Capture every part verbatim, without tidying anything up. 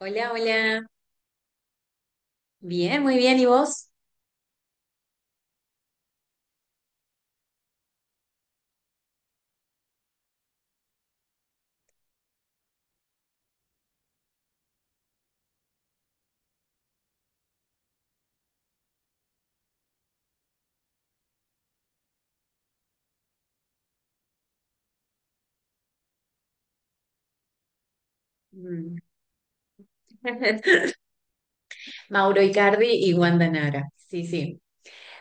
Hola, hola. Bien, muy bien. ¿Y vos? Mm. Mauro Icardi y Wanda Nara. Sí, sí.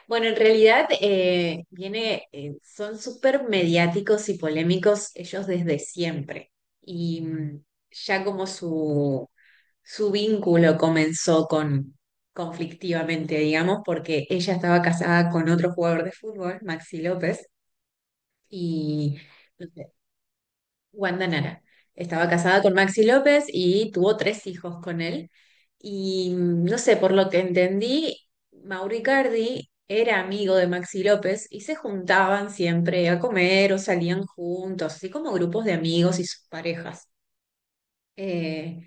Bueno, en realidad, eh, viene, eh, son súper mediáticos y polémicos ellos desde siempre. Y mm, ya como su, su vínculo comenzó con conflictivamente, digamos, porque ella estaba casada con otro jugador de fútbol, Maxi López, y Wanda Nara. Estaba casada con Maxi López y tuvo tres hijos con él. Y mm, no sé, por lo que entendí, Mauricardi era amigo de Maxi López y se juntaban siempre a comer o salían juntos, así como grupos de amigos y sus parejas. Eh,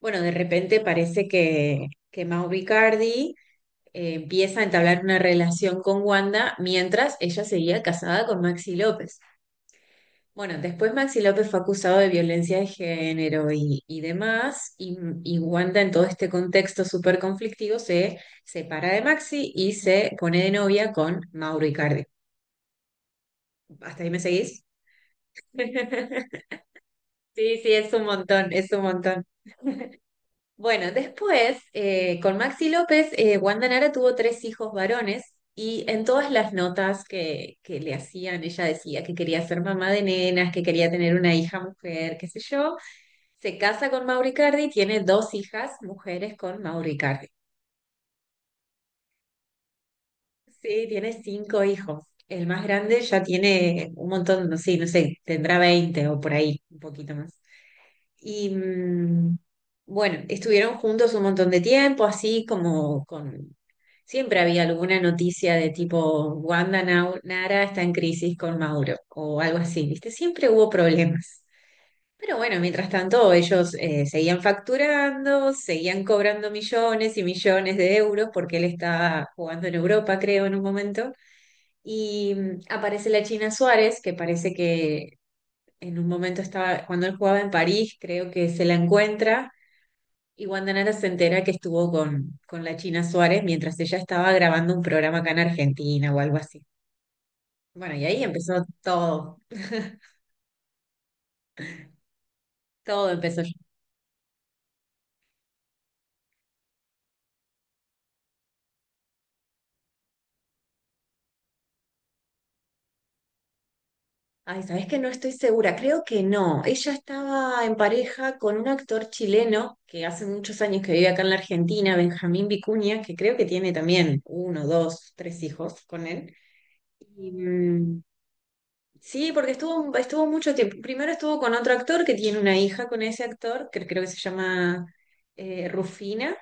bueno, de repente parece que, que Mauricardi empieza a entablar una relación con Wanda mientras ella seguía casada con Maxi López. Bueno, después Maxi López fue acusado de violencia de género y, y demás, y, y Wanda en todo este contexto súper conflictivo se separa de Maxi y se pone de novia con Mauro Icardi. ¿Hasta ahí me seguís? Sí, sí, es un montón, es un montón. Bueno, después, eh, con Maxi López, eh, Wanda Nara tuvo tres hijos varones y en todas las notas que, que le hacían, ella decía que quería ser mamá de nenas, que quería tener una hija mujer, qué sé yo. Se casa con Mauricardi, tiene dos hijas mujeres con Mauricardi. Sí, tiene cinco hijos. El más grande ya tiene un montón, no sé, no sé, tendrá veinte o por ahí, un poquito más. Y mm, bueno, estuvieron juntos un montón de tiempo, así como con... Siempre había alguna noticia de tipo, Wanda Nau- Nara está en crisis con Mauro o algo así, ¿viste? Siempre hubo problemas. Pero bueno, mientras tanto, ellos eh, seguían facturando, seguían cobrando millones y millones de euros porque él estaba jugando en Europa, creo, en un momento. Y mm, aparece la China Suárez, que parece que en un momento estaba, cuando él jugaba en París, creo que se la encuentra. Y Guandanara se entera que estuvo con, con la China Suárez mientras ella estaba grabando un programa acá en Argentina o algo así. Bueno, y ahí empezó todo, todo empezó. Ay, sabes que no estoy segura, creo que no. Ella estaba en pareja con un actor chileno que hace muchos años que vive acá en la Argentina, Benjamín Vicuña, que creo que tiene también uno, dos, tres hijos con él. Y, mm, sí, porque estuvo, estuvo mucho tiempo. Primero estuvo con otro actor que tiene una hija con ese actor, que creo que se llama eh, Rufina.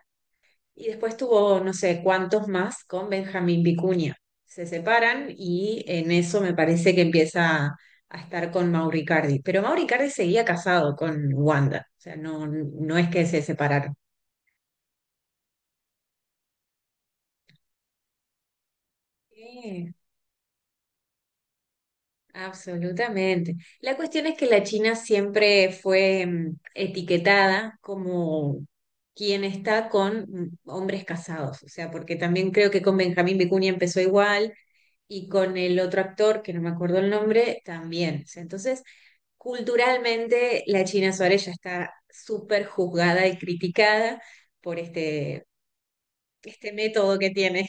Y después tuvo no sé cuántos más con Benjamín Vicuña. Se separan y en eso me parece que empieza a, a estar con Mauricardi. Pero Mauricardi seguía casado con Wanda, o sea, no, no es que se separaron. Sí, absolutamente. La cuestión es que la China siempre fue mm, etiquetada como quien está con mm, hombres casados, o sea, porque también creo que con Benjamín Vicuña empezó igual y con el otro actor, que no me acuerdo el nombre, también. O sea, entonces, culturalmente, la China Suárez ya está súper juzgada y criticada por este, este método que tiene.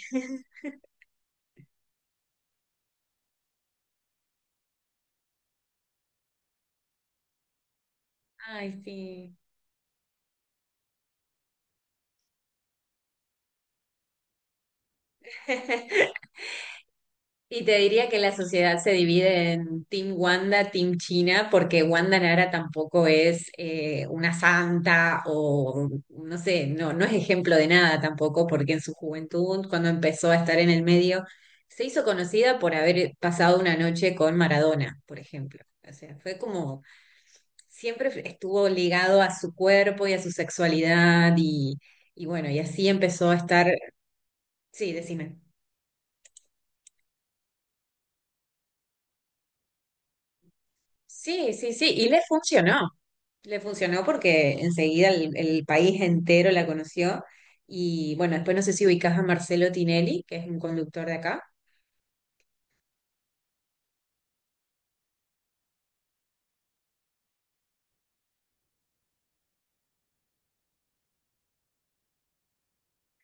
Ay, sí. Y te diría que la sociedad se divide en Team Wanda, Team China, porque Wanda Nara tampoco es eh, una santa o no sé, no, no es ejemplo de nada tampoco, porque en su juventud, cuando empezó a estar en el medio, se hizo conocida por haber pasado una noche con Maradona, por ejemplo. O sea, fue como siempre estuvo ligado a su cuerpo y a su sexualidad y, y bueno, y así empezó a estar, sí, decime. Sí, sí, sí, y le funcionó. Le funcionó porque enseguida el, el país entero la conoció. Y bueno, después no sé si ubicás a Marcelo Tinelli, que es un conductor de acá.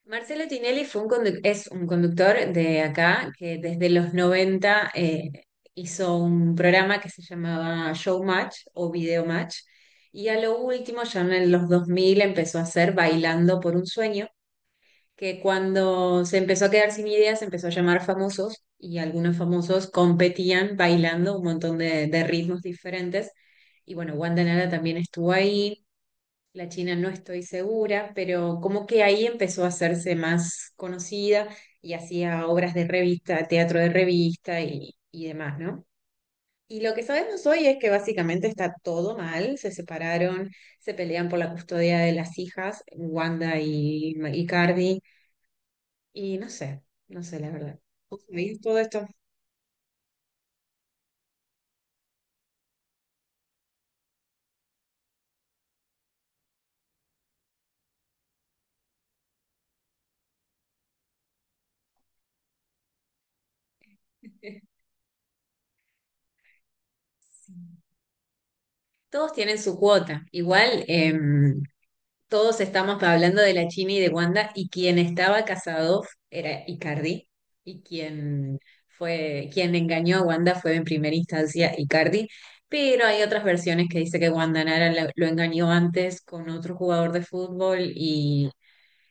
Marcelo Tinelli fue un condu- es un conductor de acá que desde los noventa eh, hizo un programa que se llamaba Showmatch o Video Match. Y a lo último, ya en los dos mil, empezó a hacer Bailando por un Sueño que cuando se empezó a quedar sin ideas, se empezó a llamar famosos y algunos famosos competían bailando un montón de, de ritmos diferentes. Y bueno, Wanda Nara también estuvo ahí, la China no estoy segura, pero como que ahí empezó a hacerse más conocida y hacía obras de revista, teatro de revista y, y demás, ¿no? Y lo que sabemos hoy es que básicamente está todo mal, se separaron, se pelean por la custodia de las hijas, Wanda y, y Cardi, y no sé, no sé, la verdad. ¿Vos sabías todo esto? Sí. Todos tienen su cuota. Igual, em, todos estamos hablando de la China y de Wanda, y quien estaba casado era Icardi, y quien fue, quien engañó a Wanda fue en primera instancia Icardi, pero hay otras versiones que dice que Wanda Nara la- lo engañó antes con otro jugador de fútbol. y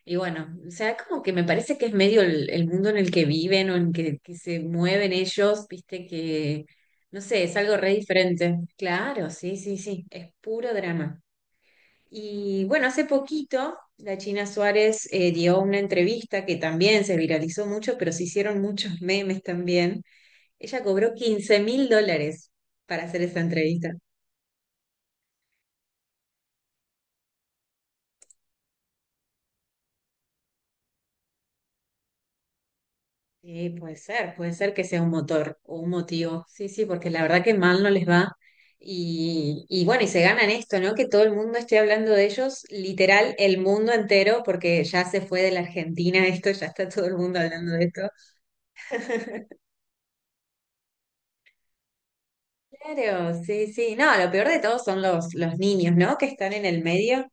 Y bueno, o sea, como que me parece que es medio el, el mundo en el que viven o en que, que se mueven ellos, viste que, no sé, es algo re diferente. Claro, sí, sí, sí, es puro drama. Y bueno, hace poquito la China Suárez eh, dio una entrevista que también se viralizó mucho, pero se hicieron muchos memes también. Ella cobró quince mil dólares para hacer esa entrevista. Sí, puede ser, puede ser que sea un motor o un motivo. Sí, sí, porque la verdad que mal no les va. Y, y bueno, y se ganan esto, ¿no? Que todo el mundo esté hablando de ellos, literal, el mundo entero, porque ya se fue de la Argentina esto, ya está todo el mundo hablando de esto. Claro, sí, sí. No, lo peor de todo son los, los niños, ¿no? Que están en el medio.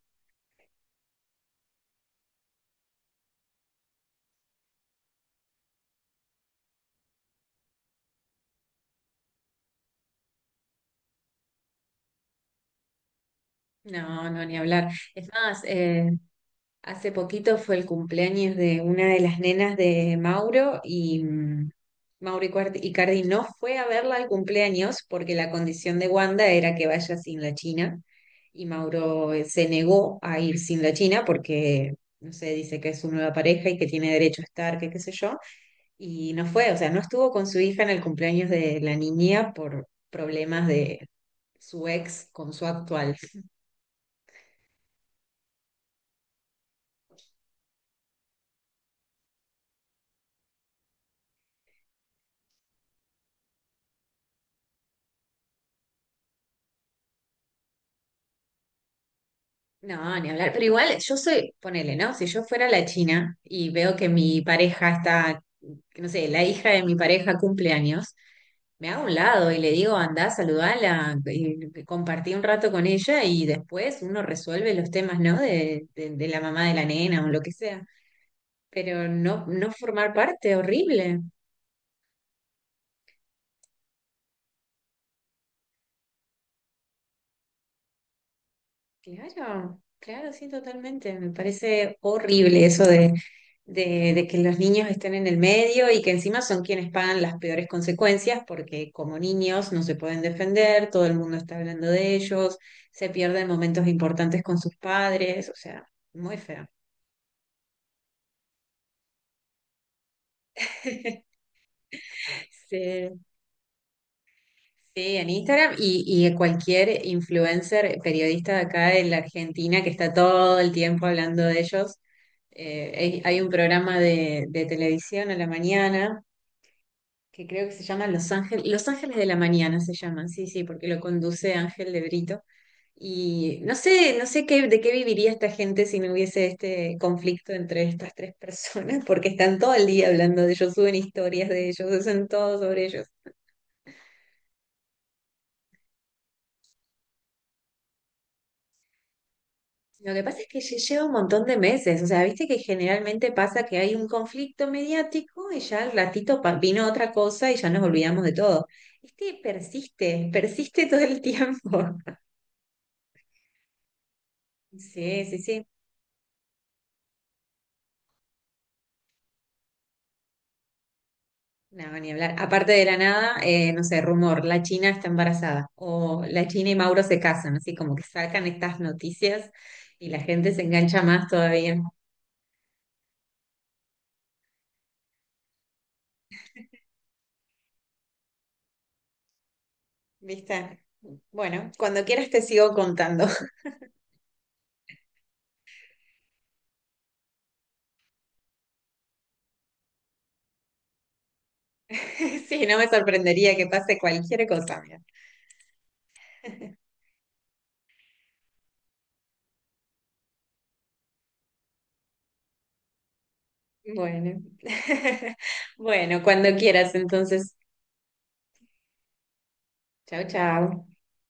No, no, ni hablar. Es más, eh, hace poquito fue el cumpleaños de una de las nenas de Mauro y, mm, Mauro Icardi Icardi no fue a verla al cumpleaños porque la condición de Wanda era que vaya sin la China y Mauro eh, se negó a ir sin la China porque, no sé, dice que es su nueva pareja y que tiene derecho a estar, que qué sé yo, y no fue, o sea, no estuvo con su hija en el cumpleaños de la niña por problemas de su ex con su actual. No, ni hablar, pero igual yo soy, ponele, ¿no? Si yo fuera la China y veo que mi pareja está, que no sé, la hija de mi pareja cumpleaños me hago a un lado y le digo, andá, saludala, y compartí un rato con ella y después uno resuelve los temas, ¿no? De, de, de la mamá de la nena o lo que sea. Pero no, no formar parte, horrible. Claro, claro, sí, totalmente. Me parece horrible eso de, de, de que los niños estén en el medio y que encima son quienes pagan las peores consecuencias porque como niños no se pueden defender, todo el mundo está hablando de ellos, se pierden momentos importantes con sus padres, o sea, muy feo. Sí, sí, en Instagram y, y cualquier influencer, periodista de acá de la Argentina que está todo el tiempo hablando de ellos. Eh, hay, hay un programa de, de televisión a la mañana que creo que se llama Los Ángeles, Los Ángeles de la Mañana se llaman, sí, sí, porque lo conduce Ángel de Brito. Y no sé, no sé qué, de qué viviría esta gente si no hubiese este conflicto entre estas tres personas, porque están todo el día hablando de ellos, suben historias de ellos, hacen todo sobre ellos. Lo que pasa es que lle- lleva un montón de meses, o sea, viste que generalmente pasa que hay un conflicto mediático y ya al ratito pa- vino otra cosa y ya nos olvidamos de todo. Este persiste, persiste todo el tiempo. Sí, sí, sí. No, ni hablar. Aparte de la nada, eh, no sé, rumor, la China está embarazada o la China y Mauro se casan, así como que sacan estas noticias y la gente se engancha más todavía. ¿Viste? Bueno, cuando quieras te sigo contando. Sí, no me sorprendería que pase cualquier cosa. Mira. Bueno, bueno, cuando quieras, entonces. Chao, chao.